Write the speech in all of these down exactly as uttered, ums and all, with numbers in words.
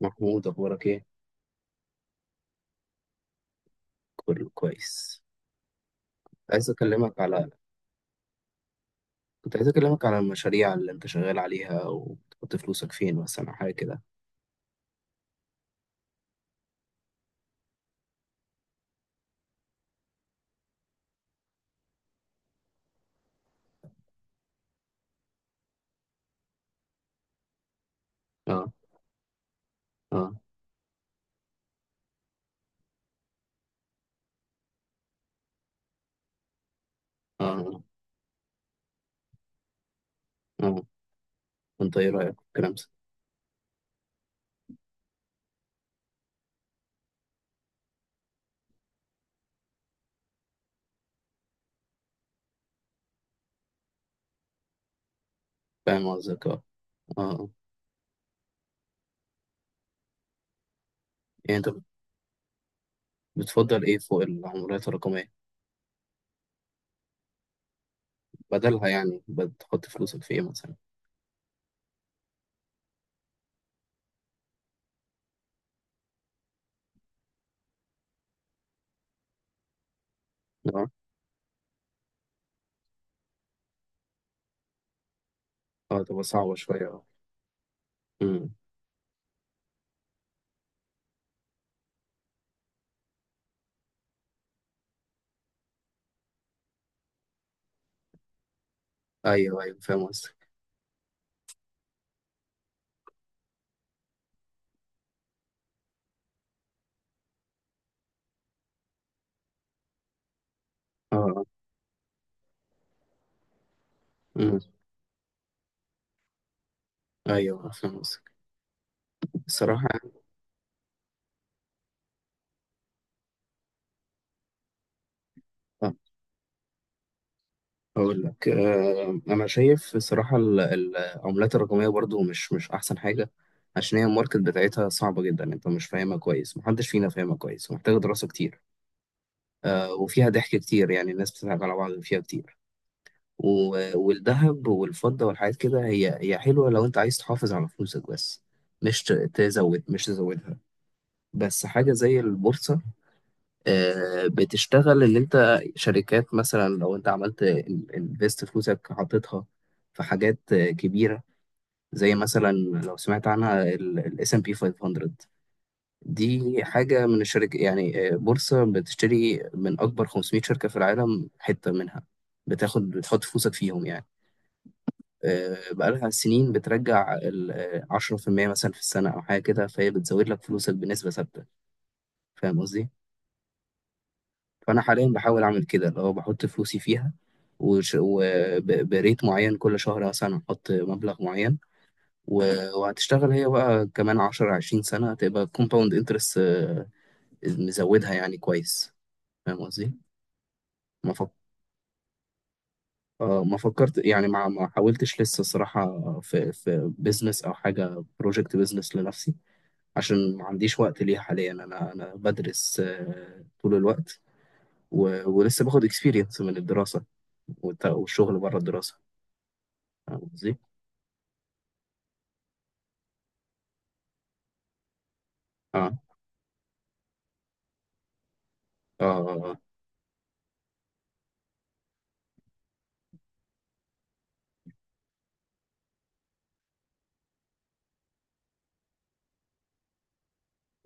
محمود، اخبارك ايه؟ كله كويس. عايز اكلمك على كنت عايز اكلمك على المشاريع اللي انت شغال عليها وبتحط فلوسك فين، مثلا حاجه كده. اه. اه. اه. اه. انت ايه رايك في الكلام ده؟ فاهم قصدك، اه. اه. آه. يعني انت بت- بتفضل ايه فوق العملات الرقميه؟ بدلها يعني بتحط فلوسك في ايه مثلا؟ اه. اه. تبقى صعبه شويه، اه. أمم. ايوه، ايوه، فاهم قصدك، اه. آه. أمم. ايوه، فاهم قصدك الصراحه يعني. آه. أقول لك، آه، أنا شايف الصراحة ال- ال- العملات الرقمية برضو مش مش أحسن حاجة، عشان هي الماركت بتاعتها صعبة جدا، أنت مش فاهمها كويس، محدش فينا فاهمها كويس، ومحتاجة دراسة كتير. آه، وفيها ضحك كتير، يعني الناس بتضحك على بعض فيها كتير. و- والذهب والفضة والحاجات كده هي هي حلوة لو أنت عايز تحافظ على فلوسك بس، مش ت- تزود مش تزودها. بس حاجة زي البورصة، آه، بتشتغل. اللي انت شركات، مثلا لو انت عملت انفست فلوسك، حطيتها في حاجات آه، كبيرة، زي مثلا لو سمعت عنها الاس ام بي خمسمية. دي حاجة من الشركة يعني، آه، بورصة بتشتري من أكبر 500 شركة في العالم حتة منها. بتاخد بتحط فلوسك فيهم يعني. آه، بقالها سنين بترجع ال- آه، عشرة في المئة مثلا في السنة أو حاجة كده، فهي بتزود لك فلوسك بنسبة ثابتة. فاهم قصدي؟ فانا حاليا بحاول اعمل كده، اللي هو بحط فلوسي فيها وبريت معين كل شهر، مثلا احط مبلغ معين. و- وهتشتغل هي بقى كمان عشرة 20 سنة، هتبقى كومباوند انترست مزودها يعني كويس. فاهم قصدي؟ ما فك... آه، ما فكرت يعني، ما ما حاولتش لسه صراحة في في بيزنس او حاجة بروجكت بيزنس لنفسي، عشان ما عنديش وقت ليها حاليا. انا انا بدرس آه، طول الوقت، و... ولسه باخد اكسبيرينس من الدراسة والت- والشغل بره الدراسة. فاهم قصدي؟ اه. اه. آه. آه.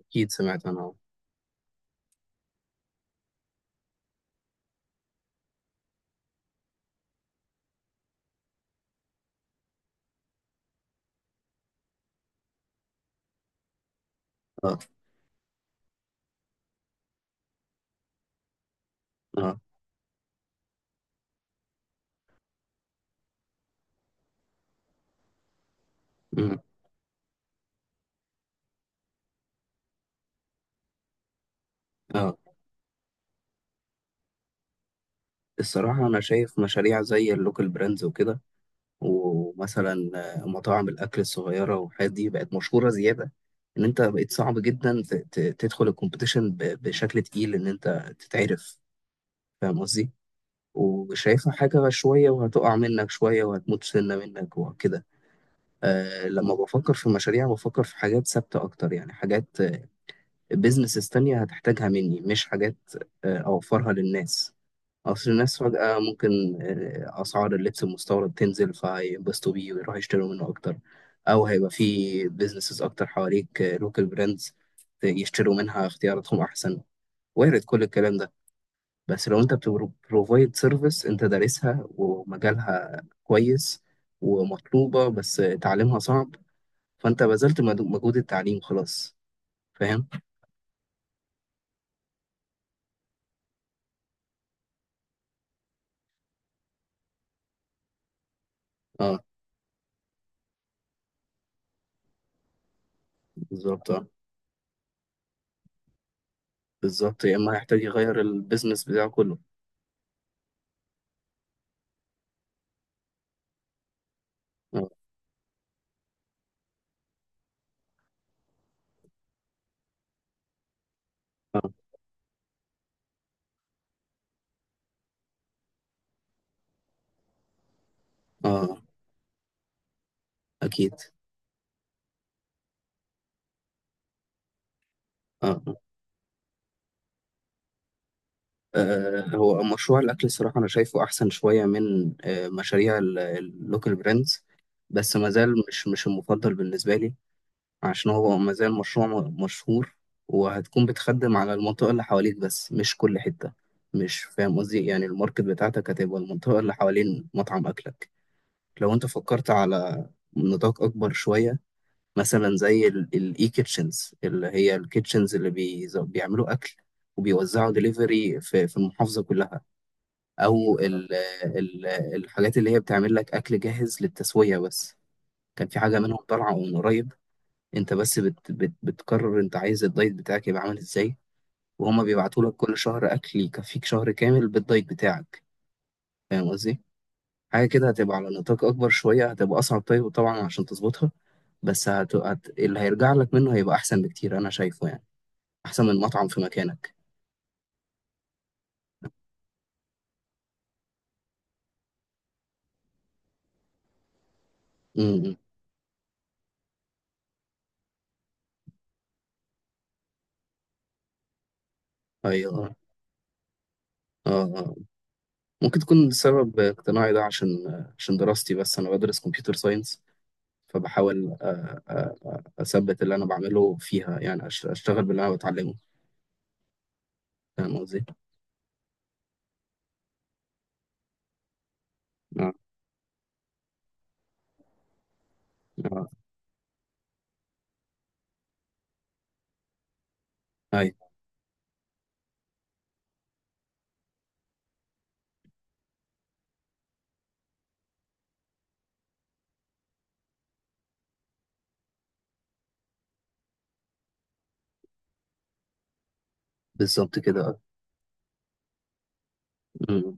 اكيد سمعت انا، اه. اه. اه. مم. آه. الصراحة أنا شايف مشاريع زي اللوكال براندز وكده، ومثلا آه، مطاعم الأكل الصغيرة والحاجات دي بقت مشهورة زيادة، إن أنت بقيت صعب جدا ت- ت- تدخل الكومبيتيشن ب- بشكل تقيل إن أنت تتعرف. فاهم قصدي؟ وشايفها حاجة شوية وهتقع منك شوية وهتموت سنة منك وكده. آه، لما بفكر في مشاريع، بفكر في حاجات ثابتة أكتر، يعني حاجات بيزنسز تانية هتحتاجها مني، مش حاجات آه، أوفرها للناس. أصل الناس فجأة ممكن آه، أسعار اللبس المستورد تنزل فينبسطوا بيه ويروحوا يشتروا منه أكتر، أو هيبقى في بيزنسز أكتر حواليك لوكال براندز يشتروا منها اختياراتهم أحسن. وارد كل الكلام ده، بس لو أنت بروفايد سيرفيس أنت دارسها ومجالها كويس، ومطلوبة بس تعليمها صعب، فانت بذلت مد- مجهود التعليم خلاص. فاهم؟ اه. بالظبط، اه. بالظبط، يا اما هيحتاج يغير البيزنس بتاعه كله. اه. اه. اه. اكيد. اه. اه. آه. هو مشروع الاكل، الصراحه انا شايفه احسن شويه من آه، مشاريع اللوكال براندز، بس ما زال مش مش المفضل بالنسبه لي، عشان هو ما زال مشروع م- مشهور وهتكون بتخدم على المنطقه اللي حواليك بس، مش كل حته. مش فاهم قصدي؟ يعني الماركت بتاعتك هتبقى المنطقه اللي حوالين مطعم اكلك. لو انت فكرت على نطاق اكبر شويه، مثلا زي الاي كيتشنز، اللي هي الكيتشنز اللي بي بيعملوا اكل وبيوزعوا دليفري في في المحافظه كلها، او ال ال الحاجات اللي هي بتعمل لك اكل جاهز للتسويه بس، كان في حاجه منهم طالعه من قريب. انت بس بت بت بتقرر انت عايز الدايت بتاعك يبقى عامل ازاي، وهما بيبعتوا لك كل شهر اكل يكفيك شهر كامل بالدايت بتاعك. فاهم قصدي؟ حاجة كده هتبقى على نطاق أكبر شوية، هتبقى أصعب طيب طبعا عشان تظبطها، بس هت... هت... اللي هيرجع لك منه هيبقى أحسن بكتير، أنا شايفه يعني أحسن من مطعم في مكانك. امم. إمم. أيوه. آه. آه. ممكن تكون سبب اقتناعي ده، عشان عشان دراستي بس، أنا بدرس كمبيوتر ساينس، فبحاول أ- أ- أثبت اللي أنا بعمله فيها، يعني أش- أشتغل باللي أنا بتعلمه. فاهم قصدي؟ آه. آه. أيوه، بالظبط كده، آه. مم.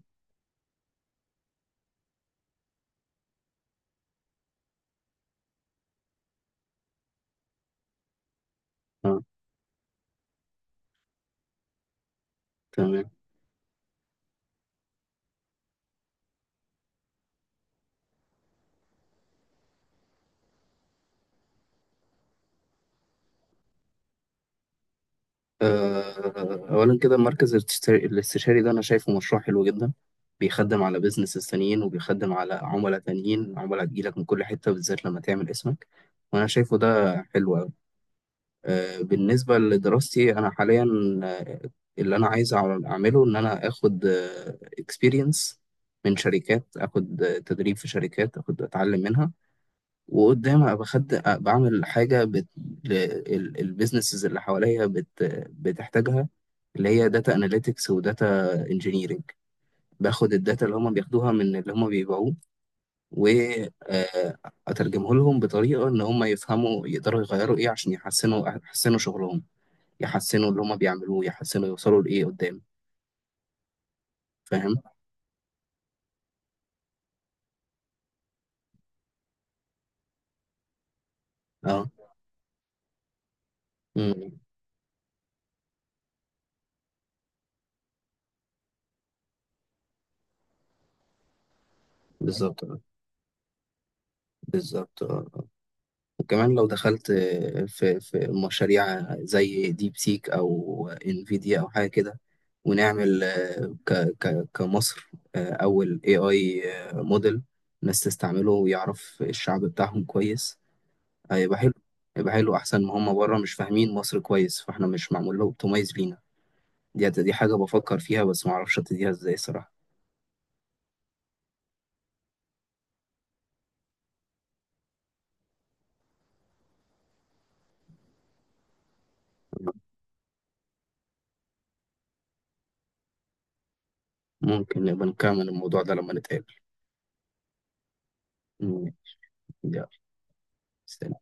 آه. تمام. آه، أولا كده المركز الاستشار- الاستشاري ده أنا شايفه مشروع حلو جدا، بيخدم على بيزنسز تانيين وبيخدم على عملاء تانيين، عملاء تجيلك من كل حتة بالذات لما تعمل اسمك، وأنا شايفه ده حلو أوي. آه، بالنسبة لدراستي أنا حاليا، آه، اللي أنا عايز أعمل- أعمله إن أنا آخد اكسبيرينس من شركات، آخد آه، تدريب في شركات، آخد أتعلم منها، وقدام ابقى خدت بعمل حاجه بت... ل... ال- البيزنسز اللي حواليا بت... بتحتاجها، اللي هي داتا اناليتكس وداتا انجينيرنج. باخد الداتا اللي هم بياخدوها من اللي هم بيبيعوه، واترجمه لهم بطريقه ان هم يفهموا يقدروا يغيروا ايه عشان يحسنوا، يحسنوا شغلهم، يحسنوا اللي هم بيعملوه، يحسنوا يوصلوا لايه قدام. فاهم؟ اه. مم. بالظبط. بالظبط، آه. وكمان لو دخلت في في مشاريع زي ديب سيك او انفيديا او حاجه كده، ونعمل ك ك كمصر اول اي اي موديل الناس تستعمله ويعرف الشعب بتاعهم كويس، هيبقى حلو. هيبقى حلو احسن ما هم بره مش فاهمين مصر كويس، فاحنا مش معمول له اوبتمايز لينا. دي دي حاجه بفكر فيها بس ما اعرفش ابتديها ازاي صراحه. ممكن نبقى نكمل الموضوع ده لما نتقابل. يلا، سلام.